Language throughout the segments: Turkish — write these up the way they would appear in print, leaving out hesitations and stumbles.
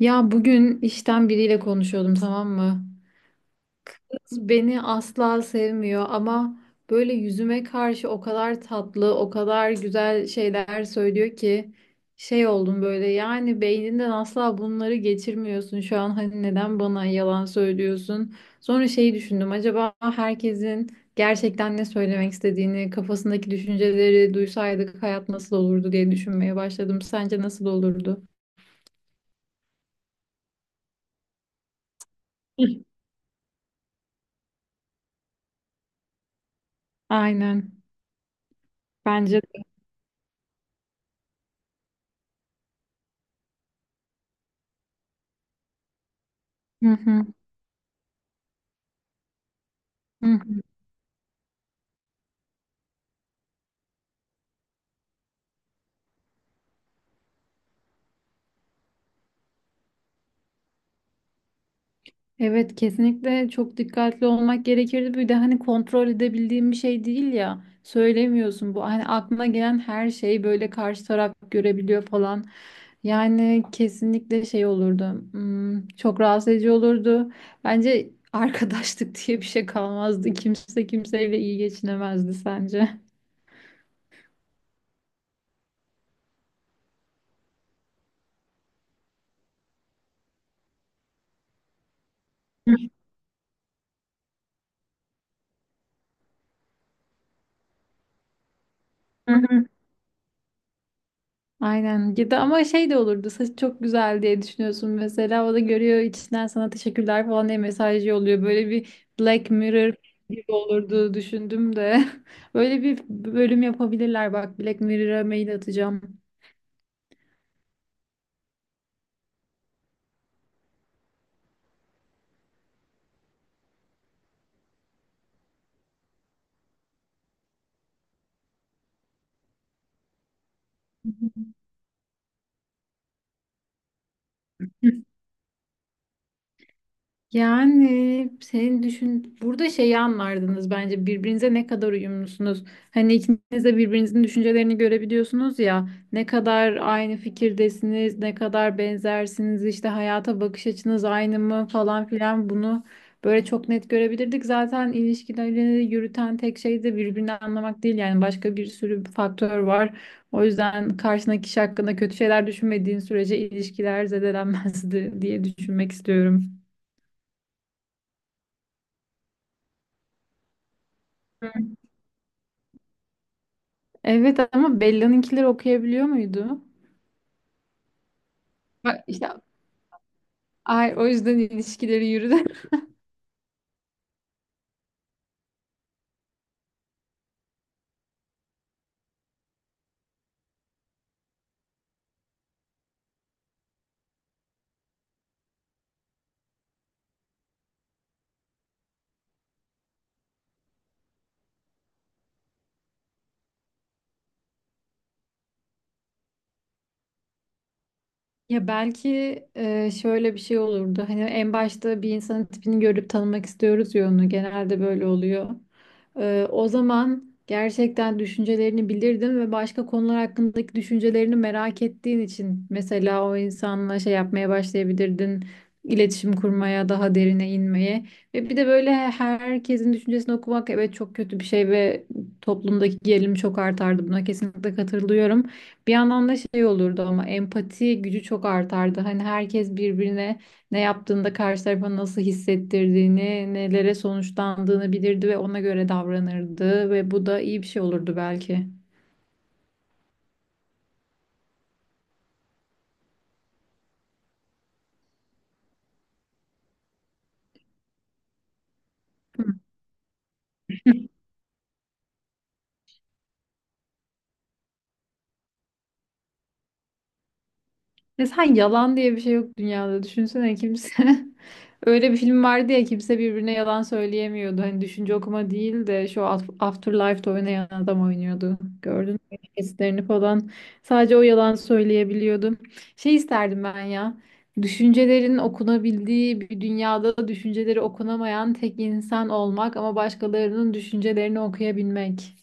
Ya bugün işten biriyle konuşuyordum tamam mı? Kız beni asla sevmiyor ama böyle yüzüme karşı o kadar tatlı, o kadar güzel şeyler söylüyor ki şey oldum böyle yani beyninden asla bunları geçirmiyorsun şu an hani neden bana yalan söylüyorsun? Sonra şeyi düşündüm acaba herkesin gerçekten ne söylemek istediğini, kafasındaki düşünceleri duysaydık hayat nasıl olurdu diye düşünmeye başladım. Sence nasıl olurdu? Aynen. Bence de. Hı hı. Hı hı. Evet kesinlikle çok dikkatli olmak gerekirdi. Bir de hani kontrol edebildiğim bir şey değil ya. Söylemiyorsun bu. Hani aklına gelen her şeyi böyle karşı taraf görebiliyor falan. Yani kesinlikle şey olurdu. Çok rahatsız edici olurdu. Bence arkadaşlık diye bir şey kalmazdı. Kimse kimseyle iyi geçinemezdi sence. Aynen. Ya da ama şey de olurdu. Saç çok güzel diye düşünüyorsun mesela. O da görüyor içinden sana teşekkürler falan diye mesaj yolluyor. Böyle bir Black Mirror gibi olurdu düşündüm de. Böyle bir bölüm yapabilirler. Bak Black Mirror'a mail atacağım. Yani senin düşün burada şeyi anlardınız bence birbirinize ne kadar uyumlusunuz. Hani ikiniz de birbirinizin düşüncelerini görebiliyorsunuz ya. Ne kadar aynı fikirdesiniz, ne kadar benzersiniz, işte hayata bakış açınız aynı mı falan filan bunu böyle çok net görebilirdik. Zaten ilişkileri yürüten tek şey de birbirini anlamak değil yani başka bir sürü faktör var. O yüzden karşındaki kişi hakkında kötü şeyler düşünmediğin sürece ilişkiler zedelenmezdi diye düşünmek istiyorum. Evet ama Bella'nınkileri okuyabiliyor muydu? Bak işte ay, o yüzden ilişkileri yürüdü. Ya belki şöyle bir şey olurdu. Hani en başta bir insanın tipini görüp tanımak istiyoruz ya onu. Genelde böyle oluyor. O zaman gerçekten düşüncelerini bilirdin ve başka konular hakkındaki düşüncelerini merak ettiğin için mesela o insanla şey yapmaya başlayabilirdin, iletişim kurmaya, daha derine inmeye. Ve bir de böyle herkesin düşüncesini okumak evet çok kötü bir şey ve toplumdaki gerilim çok artardı. Buna kesinlikle katılıyorum. Bir yandan da şey olurdu ama empati gücü çok artardı. Hani herkes birbirine ne yaptığında karşı tarafa nasıl hissettirdiğini, nelere sonuçlandığını bilirdi ve ona göre davranırdı ve bu da iyi bir şey olurdu belki. Ya sen yalan diye bir şey yok dünyada. Düşünsene kimse. Öyle bir film vardı ya kimse birbirine yalan söyleyemiyordu. Hani düşünce okuma değil de şu Afterlife'da oynayan adam oynuyordu. Gördün mü kesitlerini falan. Sadece o yalan söyleyebiliyordu. Şey isterdim ben ya. Düşüncelerin okunabildiği bir dünyada düşünceleri okunamayan tek insan olmak ama başkalarının düşüncelerini okuyabilmek.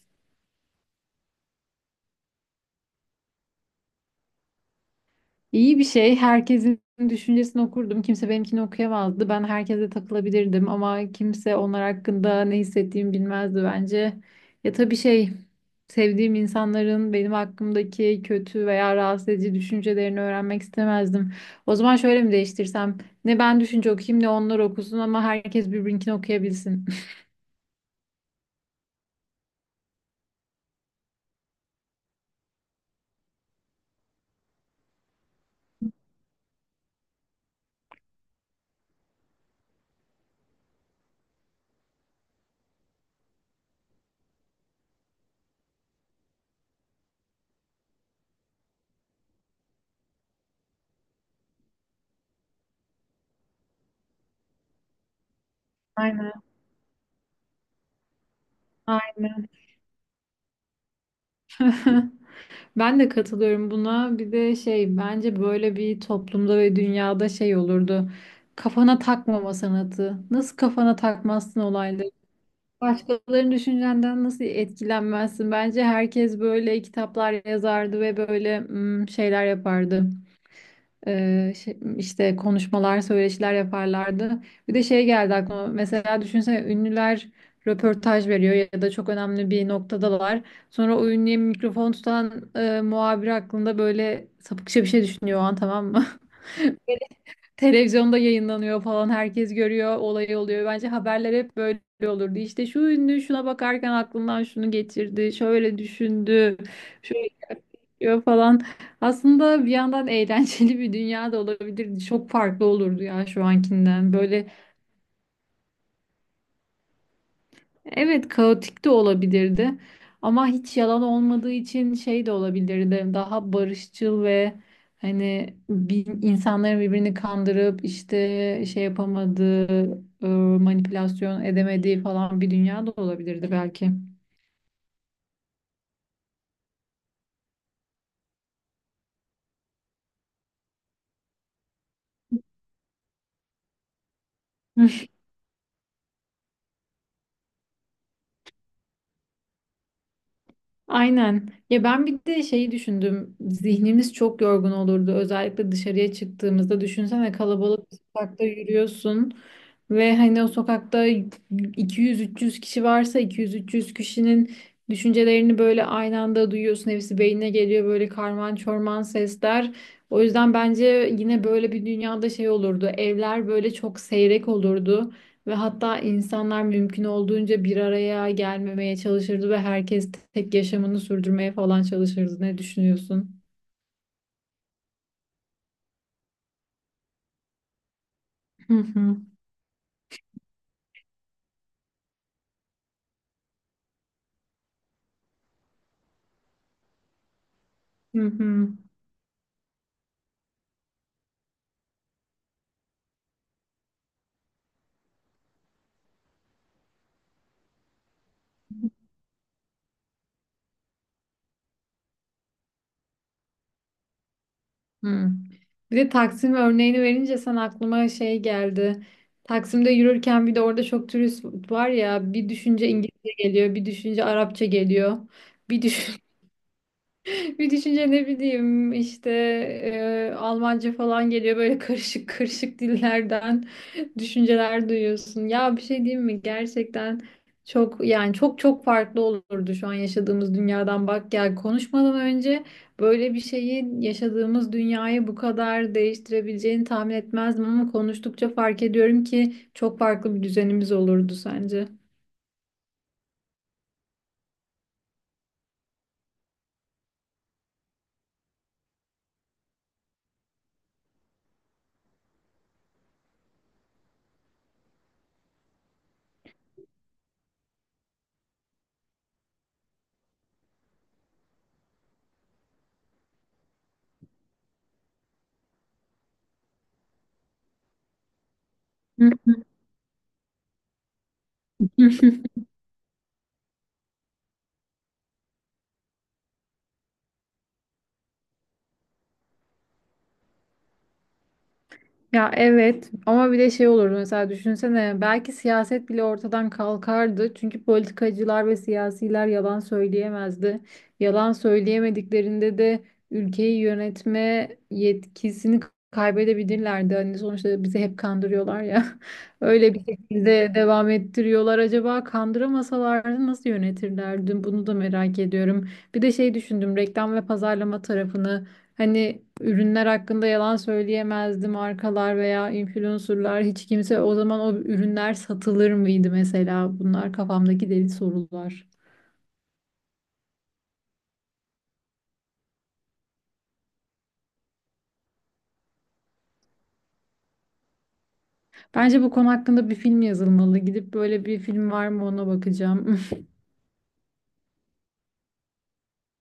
İyi bir şey. Herkesin düşüncesini okurdum. Kimse benimkini okuyamazdı. Ben herkese takılabilirdim ama kimse onlar hakkında ne hissettiğimi bilmezdi bence. Ya tabii şey, sevdiğim insanların benim hakkımdaki kötü veya rahatsız edici düşüncelerini öğrenmek istemezdim. O zaman şöyle mi değiştirsem? Ne ben düşünce okuyayım ne onlar okusun ama herkes birbirinkini okuyabilsin. Aynen. Aynen. Ben de katılıyorum buna. Bir de şey bence böyle bir toplumda ve dünyada şey olurdu. Kafana takmama sanatı. Nasıl kafana takmazsın olayları? Başkalarının düşüncenden nasıl etkilenmezsin? Bence herkes böyle kitaplar yazardı ve böyle şeyler yapardı. İşte konuşmalar, söyleşiler yaparlardı. Bir de şey geldi aklıma. Mesela düşünsene ünlüler röportaj veriyor ya da çok önemli bir noktadalar. Sonra o ünlüye mikrofon tutan muhabir hakkında böyle sapıkça bir şey düşünüyor o an tamam mı? Televizyonda yayınlanıyor falan herkes görüyor olay oluyor. Bence haberler hep böyle olurdu. İşte şu ünlü şuna bakarken aklından şunu geçirdi. Şöyle düşündü. Şöyle yapıyor falan. Aslında bir yandan eğlenceli bir dünya da olabilirdi. Çok farklı olurdu ya şu ankinden. Böyle... Evet, kaotik de olabilirdi. Ama hiç yalan olmadığı için şey de olabilirdi. Daha barışçıl ve hani bir, insanların birbirini kandırıp işte şey yapamadığı, manipülasyon edemediği falan bir dünya da olabilirdi belki. Aynen. Ya ben bir de şeyi düşündüm. Zihnimiz çok yorgun olurdu. Özellikle dışarıya çıktığımızda düşünsene kalabalık bir sokakta yürüyorsun ve hani o sokakta 200-300 kişi varsa 200-300 kişinin düşüncelerini böyle aynı anda duyuyorsun. Hepsi beynine geliyor böyle karman çorman sesler. O yüzden bence yine böyle bir dünyada şey olurdu. Evler böyle çok seyrek olurdu. Ve hatta insanlar mümkün olduğunca bir araya gelmemeye çalışırdı ve herkes tek yaşamını sürdürmeye falan çalışırdı. Ne düşünüyorsun? Hı hı. Hı hı. Hı. Bir de Taksim örneğini verince sen aklıma şey geldi. Taksim'de yürürken bir de orada çok turist var ya bir düşünce İngilizce geliyor, bir düşünce Arapça geliyor. Bir düşünce... Bir düşünce ne bileyim işte Almanca falan geliyor böyle karışık karışık dillerden düşünceler duyuyorsun. Ya bir şey diyeyim mi? Gerçekten çok yani çok çok farklı olurdu şu an yaşadığımız dünyadan. Bak ya konuşmadan önce böyle bir şeyi yaşadığımız dünyayı bu kadar değiştirebileceğini tahmin etmezdim ama konuştukça fark ediyorum ki çok farklı bir düzenimiz olurdu sence. Ya evet ama bir de şey olurdu mesela düşünsene belki siyaset bile ortadan kalkardı. Çünkü politikacılar ve siyasiler yalan söyleyemezdi. Yalan söyleyemediklerinde de ülkeyi yönetme yetkisini kaybedebilirlerdi. Hani sonuçta bizi hep kandırıyorlar ya. Öyle bir şekilde devam ettiriyorlar. Acaba kandıramasalardı nasıl yönetirlerdi? Bunu da merak ediyorum. Bir de şey düşündüm reklam ve pazarlama tarafını. Hani ürünler hakkında yalan söyleyemezdi markalar veya influencerlar hiç kimse o zaman o ürünler satılır mıydı mesela bunlar kafamdaki deli sorular. Bence bu konu hakkında bir film yazılmalı. Gidip böyle bir film var mı ona bakacağım.